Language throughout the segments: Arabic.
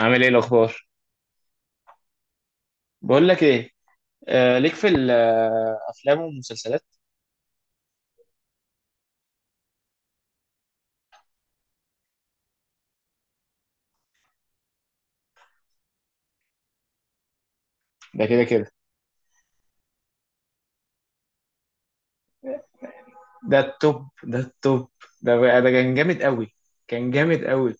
عامل ايه الاخبار؟ بقول لك ايه. آه، ليك في الافلام والمسلسلات. ده كده كده. ده التوب. ده كان جامد قوي.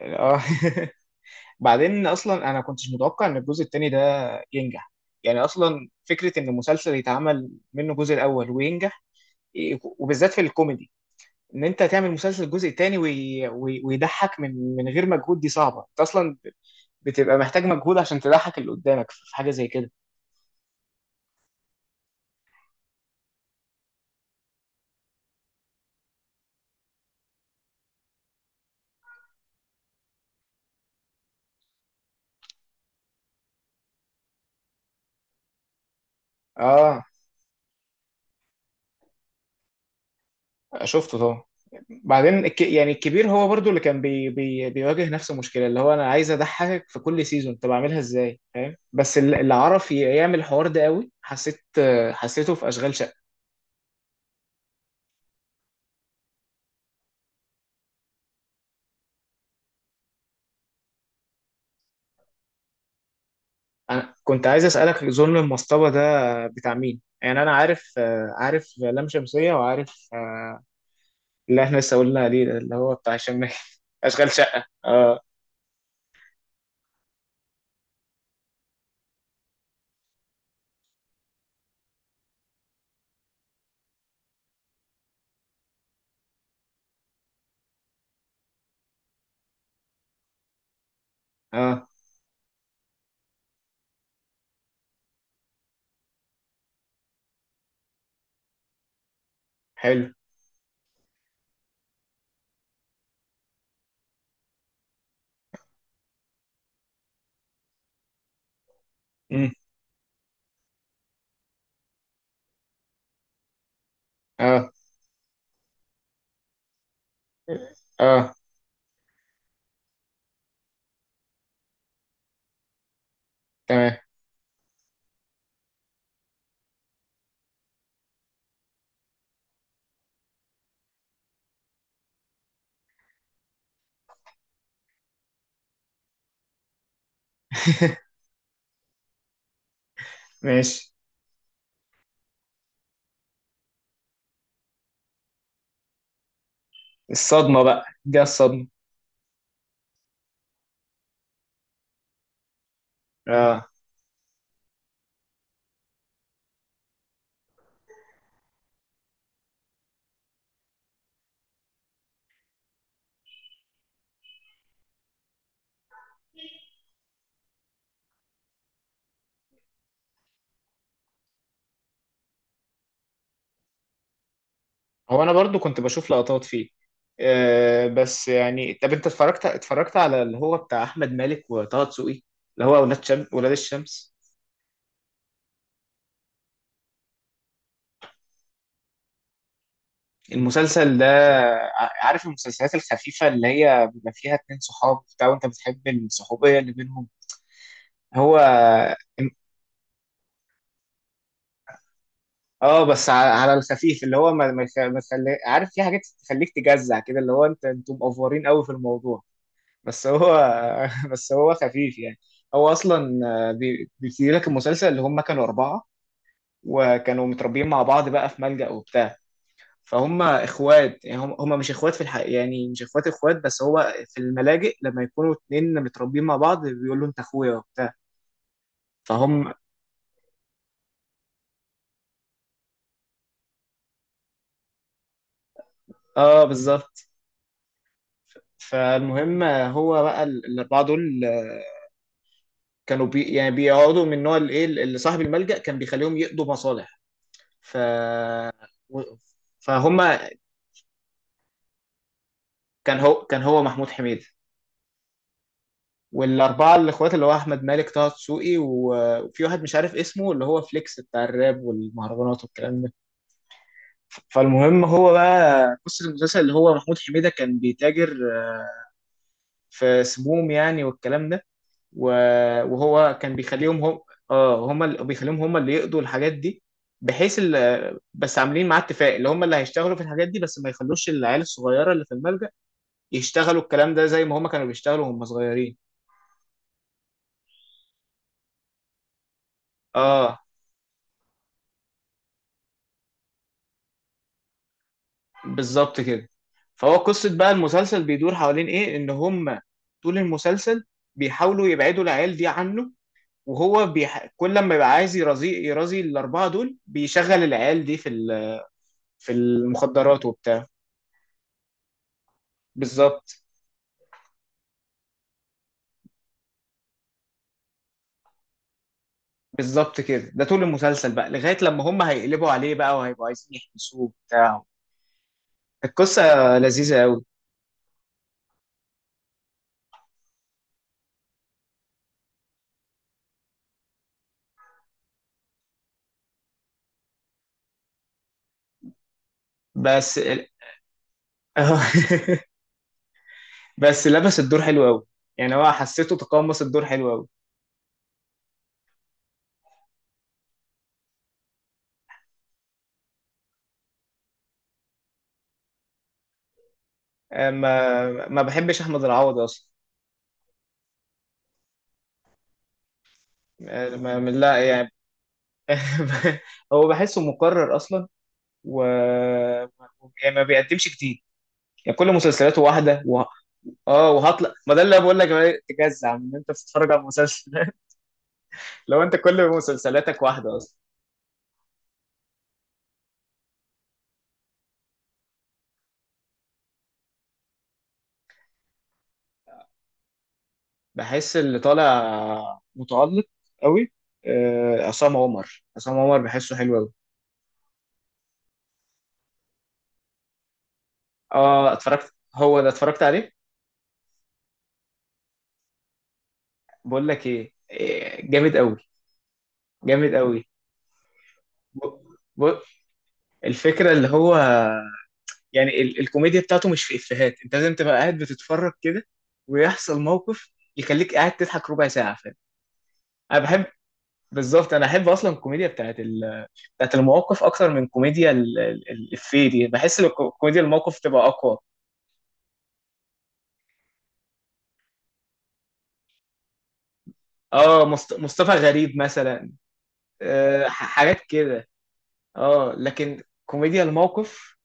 اه. بعدين اصلا انا ما كنتش متوقع ان الجزء التاني ده ينجح. يعني اصلا فكره ان مسلسل يتعمل منه الجزء الاول وينجح، إيه، وبالذات في الكوميدي. ان انت تعمل مسلسل الجزء التاني ويضحك من غير مجهود، دي صعبه. انت اصلا بتبقى محتاج مجهود عشان تضحك اللي قدامك في حاجه زي كده. اه شفته طبعا. بعدين يعني الكبير هو برضو اللي كان بيواجه نفس المشكله، اللي هو انا عايز اضحكك في كل سيزون، طب اعملها ازاي؟ فاهم. بس اللي عرف يعمل الحوار ده قوي، حسيت. حسيته في اشغال شقه. انا كنت عايز اسالك ظلم المصطبه ده بتاع مين؟ يعني انا عارف. عارف لام شمسيه، وعارف اللي احنا لسه قلنا عليه ده اللي هو بتاع هشام ماجد. اشغال شقه. اه. اه، حلو. امم. اه. اه، تمام. ماشي. الصدمه بقى، دي الصدمه. اه. هو انا برضو كنت بشوف لقطات فيه. آه بس يعني، طب انت اتفرجت على اللي هو بتاع احمد مالك وطه دسوقي، اللي هو ولاد الشمس. المسلسل ده، عارف المسلسلات الخفيفة اللي هي بيبقى فيها اتنين صحاب بتاع وانت بتحب الصحوبية اللي بينهم. هو اه، بس على الخفيف، اللي هو ما يخلي... عارف، في حاجات تخليك تجزع كده اللي هو انتوا مقفورين قوي في الموضوع. بس هو بس هو خفيف يعني. هو اصلا آه، بيبتدي لك المسلسل، اللي هم كانوا اربعه وكانوا متربيين مع بعض بقى في ملجأ وبتاع. فهم اخوات، يعني هم مش اخوات في الحقيقه، يعني مش اخوات اخوات، بس هو في الملاجئ لما يكونوا اتنين متربيين مع بعض بيقولوا انت اخويا وبتاع. فهم. اه بالظبط. فالمهم هو بقى الاربعه دول، آه، كانوا يعني بيقعدوا من نوع الايه، اللي صاحب الملجأ كان بيخليهم يقضوا مصالح. ف... و- فهم. كان هو محمود حميد. والاربعه الاخوات اللي هو احمد مالك، طه دسوقي، وفي واحد مش عارف اسمه، اللي هو فليكس بتاع الراب والمهرجانات والكلام ده. فالمهم، هو بقى قصه المسلسل، اللي هو محمود حميده كان بيتاجر في سموم يعني والكلام ده. وهو كان بيخليهم هم. اه، هم اللي بيخليهم هم اللي يقضوا الحاجات دي، بحيث بس عاملين معاه اتفاق، اللي هم اللي هيشتغلوا في الحاجات دي، بس ما يخلوش العيال الصغيره اللي في الملجأ يشتغلوا الكلام ده زي ما هم كانوا بيشتغلوا وهم صغيرين. اه بالظبط كده. فهو قصة بقى المسلسل بيدور حوالين ايه، ان هم طول المسلسل بيحاولوا يبعدوا العيال دي عنه. وهو كل لما يبقى عايز يرازي الأربعة دول، بيشغل العيال دي في ال... في المخدرات وبتاع. بالظبط. بالظبط كده. ده طول المسلسل بقى لغاية لما هم هيقلبوا عليه بقى وهيبقوا عايزين يحبسوه وبتاع. القصة لذيذة قوي. بس، بس لبس الدور حلو قوي، يعني هو حسيته تقمص الدور حلو قوي. آه، ما بحبش احمد العوضي اصلا. ما لا يعني. هو بحسه مكرر اصلا، و... يعني ما بيقدمش جديد، يعني كل مسلسلاته واحده و... اه، وهطلع ما ده اللي بقول لك عليه، تجزع من ان انت بتتفرج على مسلسل. لو انت كل مسلسلاتك واحده اصلا. بحس اللي طالع متألق قوي. آه، عصام عمر بحسه حلو قوي. اه، اتفرجت، هو ده اتفرجت عليه. بقول لك ايه، إيه، جامد قوي. جامد قوي. الفكرة اللي هو، يعني الكوميديا بتاعته مش في إفيهات، انت لازم تبقى قاعد بتتفرج كده ويحصل موقف يخليك قاعد تضحك ربع ساعة. فاهم. انا بحب، بالظبط. انا احب اصلا الكوميديا بتاعت ال... بتاعت المواقف اكتر من كوميديا الإفيه دي. بحس ان كوميديا الموقف تبقى اقوى. اه مصط... مصطفى غريب مثلا. أه، حاجات كده. اه لكن كوميديا الموقف.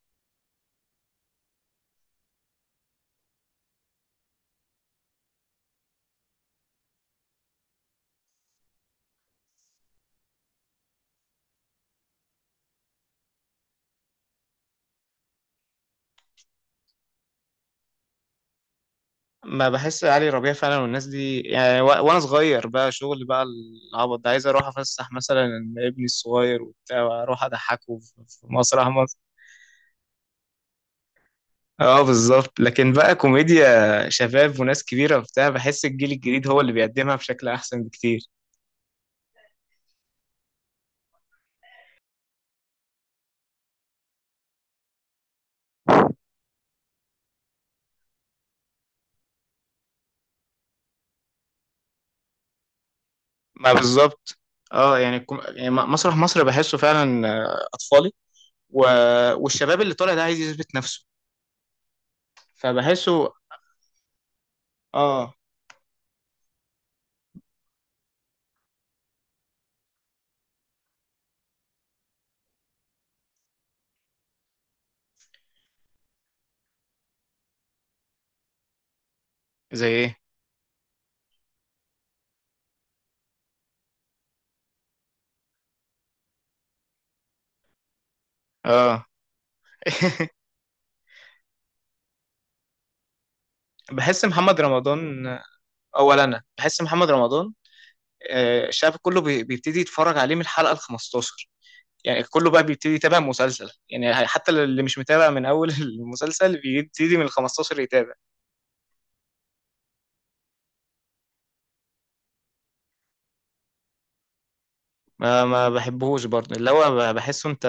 ما بحس علي ربيع فعلا والناس دي يعني، و... وانا صغير بقى شغل بقى العبط ده، عايز اروح افسح مثلا ابني الصغير وبتاع، واروح اضحكه في في مسرح مصر. اه بالظبط. لكن بقى كوميديا شباب وناس كبيرة وبتاع، بحس الجيل الجديد هو اللي بيقدمها بشكل احسن بكتير. ما بالظبط. اه يعني، يعني مسرح مصر بحسه فعلا اطفالي. و... والشباب اللي طالع ده عايز يثبت نفسه، فبحسه. اه. زي ايه؟ اه. بحس محمد رمضان، اولا انا بحس محمد رمضان الشعب كله بيبتدي يتفرج عليه من الحلقه ال 15. يعني كله بقى بيبتدي يتابع مسلسل يعني، حتى اللي مش متابع من اول المسلسل بيبتدي من ال 15 يتابع. ما بحبهوش برضه اللي هو، بحسه انت.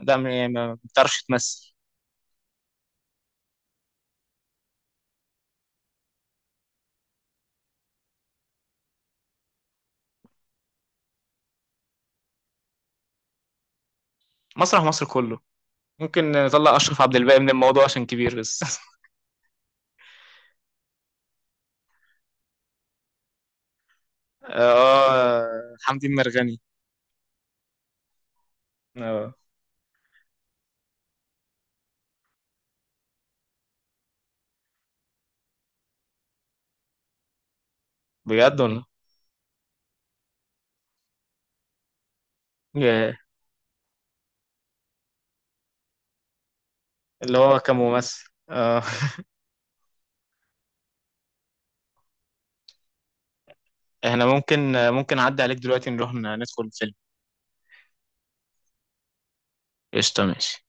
لا، يعني ما بتعرفش تمثل. مسرح مصر كله، ممكن نطلع اشرف عبد الباقي من الموضوع عشان كبير بس. اه. حمدي المرغني. اه بجد، ولا؟ ياه، اللي هو كممثل. اه. احنا ممكن، اعدي عليك دلوقتي نروح ندخل الفيلم. قشطة. ماشي.